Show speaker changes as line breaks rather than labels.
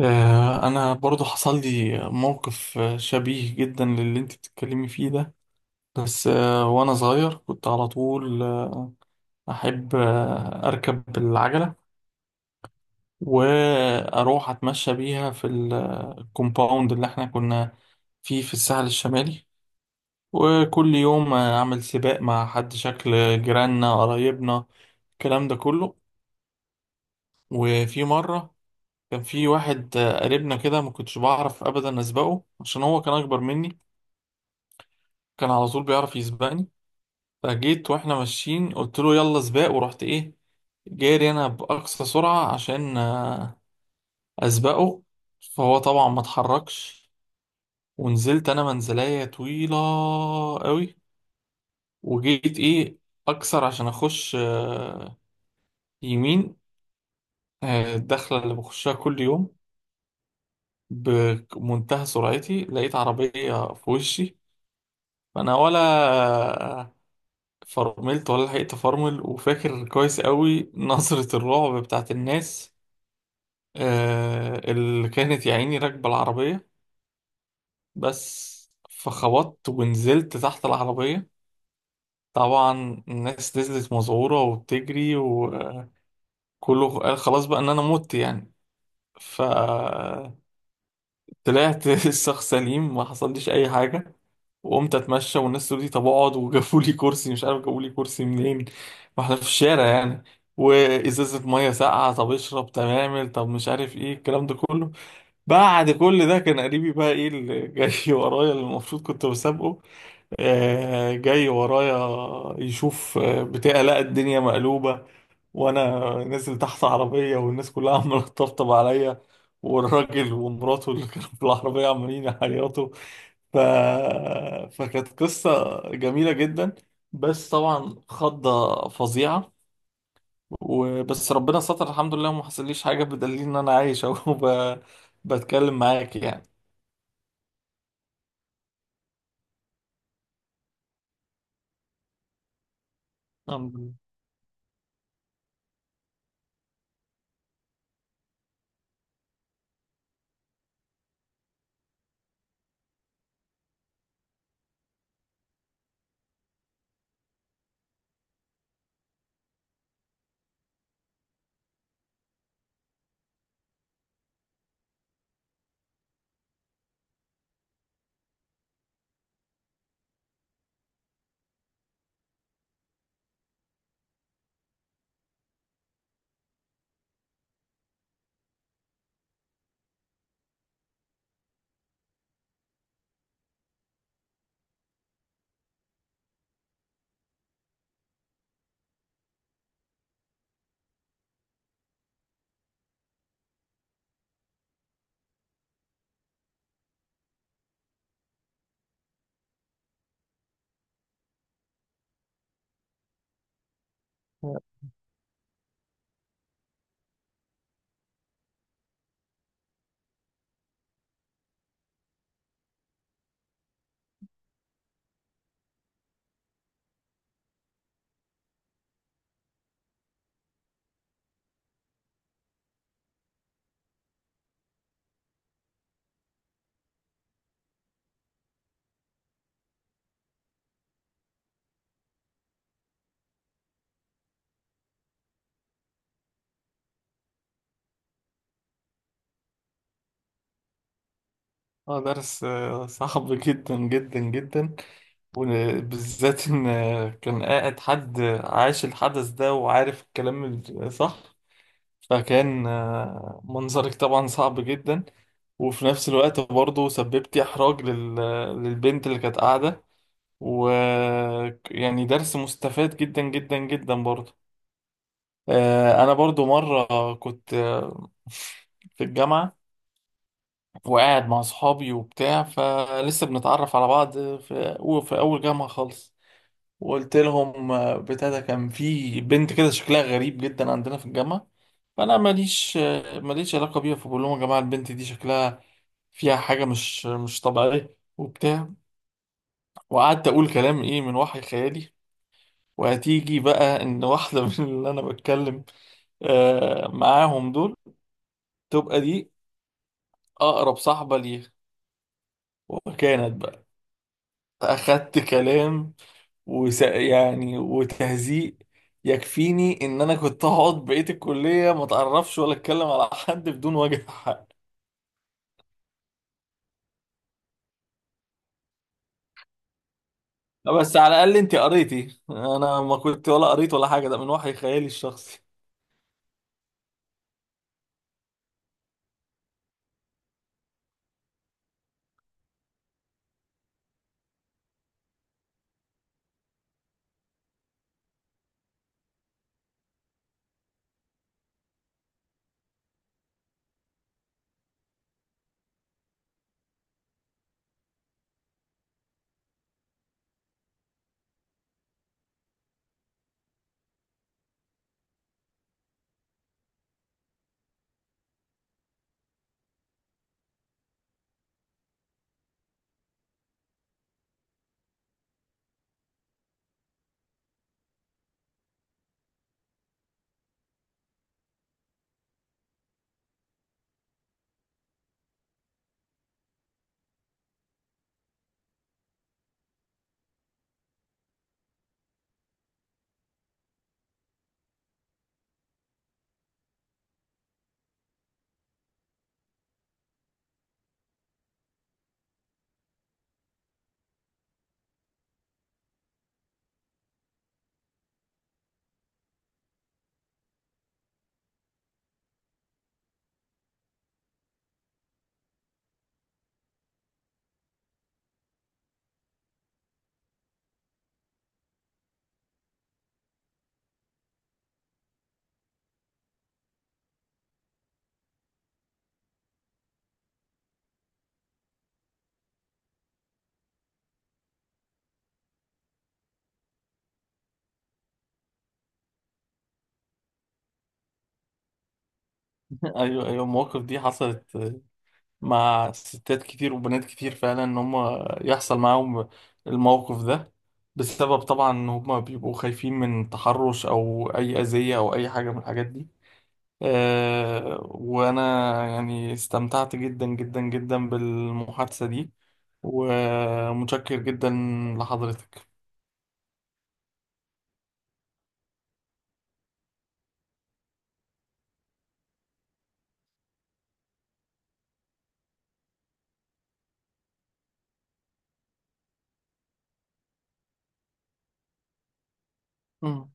انا برضو حصل لي موقف شبيه جدا للي انت بتتكلمي فيه ده. بس وانا صغير كنت على طول، احب اركب العجلة واروح اتمشى بيها الكومباوند اللي احنا كنا فيه في الساحل الشمالي، وكل يوم اعمل سباق مع حد شكل جيراننا، قرايبنا، الكلام ده كله. وفي مرة كان في واحد قريبنا كده، ما كنتش بعرف ابدا اسبقه عشان هو كان اكبر مني، كان على طول بيعرف يسبقني. فجيت واحنا ماشيين قلت له يلا سباق، ورحت ايه، جاري انا باقصى سرعه عشان اسبقه. فهو طبعا ما اتحركش، ونزلت انا منزليه طويله قوي، وجيت ايه اكسر عشان اخش يمين، الدخله اللي بخشها كل يوم. بمنتهى سرعتي لقيت عربيه في وشي، فانا ولا فرملت ولا لحقت افرمل. وفاكر كويس قوي نظرة الرعب بتاعت الناس آه اللي كانت يا عيني راكبة العربية. بس فخبطت ونزلت تحت العربية. طبعا الناس نزلت مذعورة وبتجري وكله، قال خلاص بقى ان انا مت يعني. فطلعت، الشخص سليم ما حصلليش اي حاجة. وقمت اتمشى والناس تقول لي طب اقعد، وجابوا لي كرسي، مش عارف جابوا لي كرسي منين، ما احنا في الشارع يعني. وازازه ميه ساقعه، طب اشرب، طب اعمل، طب مش عارف ايه الكلام ده كله. بعد كل ده كان قريبي بقى ايه اللي جاي ورايا، اللي المفروض كنت بسابقه، جاي ورايا يشوف بتاع، لقى الدنيا مقلوبه وانا نازل تحت عربيه والناس كلها عماله تطبطب عليا، والراجل ومراته اللي كانوا في العربيه عمالين يعيطوا. ف... فكانت قصة جميلة جدا، بس طبعا خضة فظيعة. وبس ربنا ستر الحمد لله وما حصليش حاجة، بدليل إن أنا عايش أهو بتكلم معاك يعني. الحمد لله. اه درس صعب جدا جدا جدا، وبالذات إن كان قاعد حد عايش الحدث ده وعارف الكلام الصح، فكان منظرك طبعا صعب جدا. وفي نفس الوقت برضه سببتي إحراج للبنت اللي كانت قاعدة. ويعني درس مستفاد جدا جدا جدا برضه. أنا برضه مرة كنت في الجامعة وقاعد مع أصحابي وبتاع فلسه بنتعرف على بعض في أول جامعة خالص، وقلت لهم بتاع، ده كان في بنت كده شكلها غريب جدا عندنا في الجامعة، فأنا ماليش ماليش علاقة بيها، فبقول لهم يا جماعة البنت دي شكلها فيها حاجة مش طبيعية وبتاع. وقعدت أقول كلام إيه من وحي خيالي. وهتيجي بقى إن واحدة من اللي أنا بتكلم معاهم دول تبقى دي أقرب صاحبة ليها. وكانت بقى أخدت كلام يعني وتهزيء يكفيني ان انا كنت هقعد بقية الكلية ما اتعرفش ولا اتكلم على حد بدون وجه حق. بس على الاقل انت قريتي، انا ما كنت ولا قريت ولا حاجة، ده من وحي خيالي الشخصي. ايوه ايوه، المواقف دي حصلت مع ستات كتير وبنات كتير فعلا، ان هم يحصل معاهم الموقف ده بسبب طبعا ان هم بيبقوا خايفين من تحرش او اي اذية او اي حاجة من الحاجات دي. وأنا يعني استمتعت جدا جدا جدا بالمحادثة دي، ومتشكر جدا لحضرتك. مم.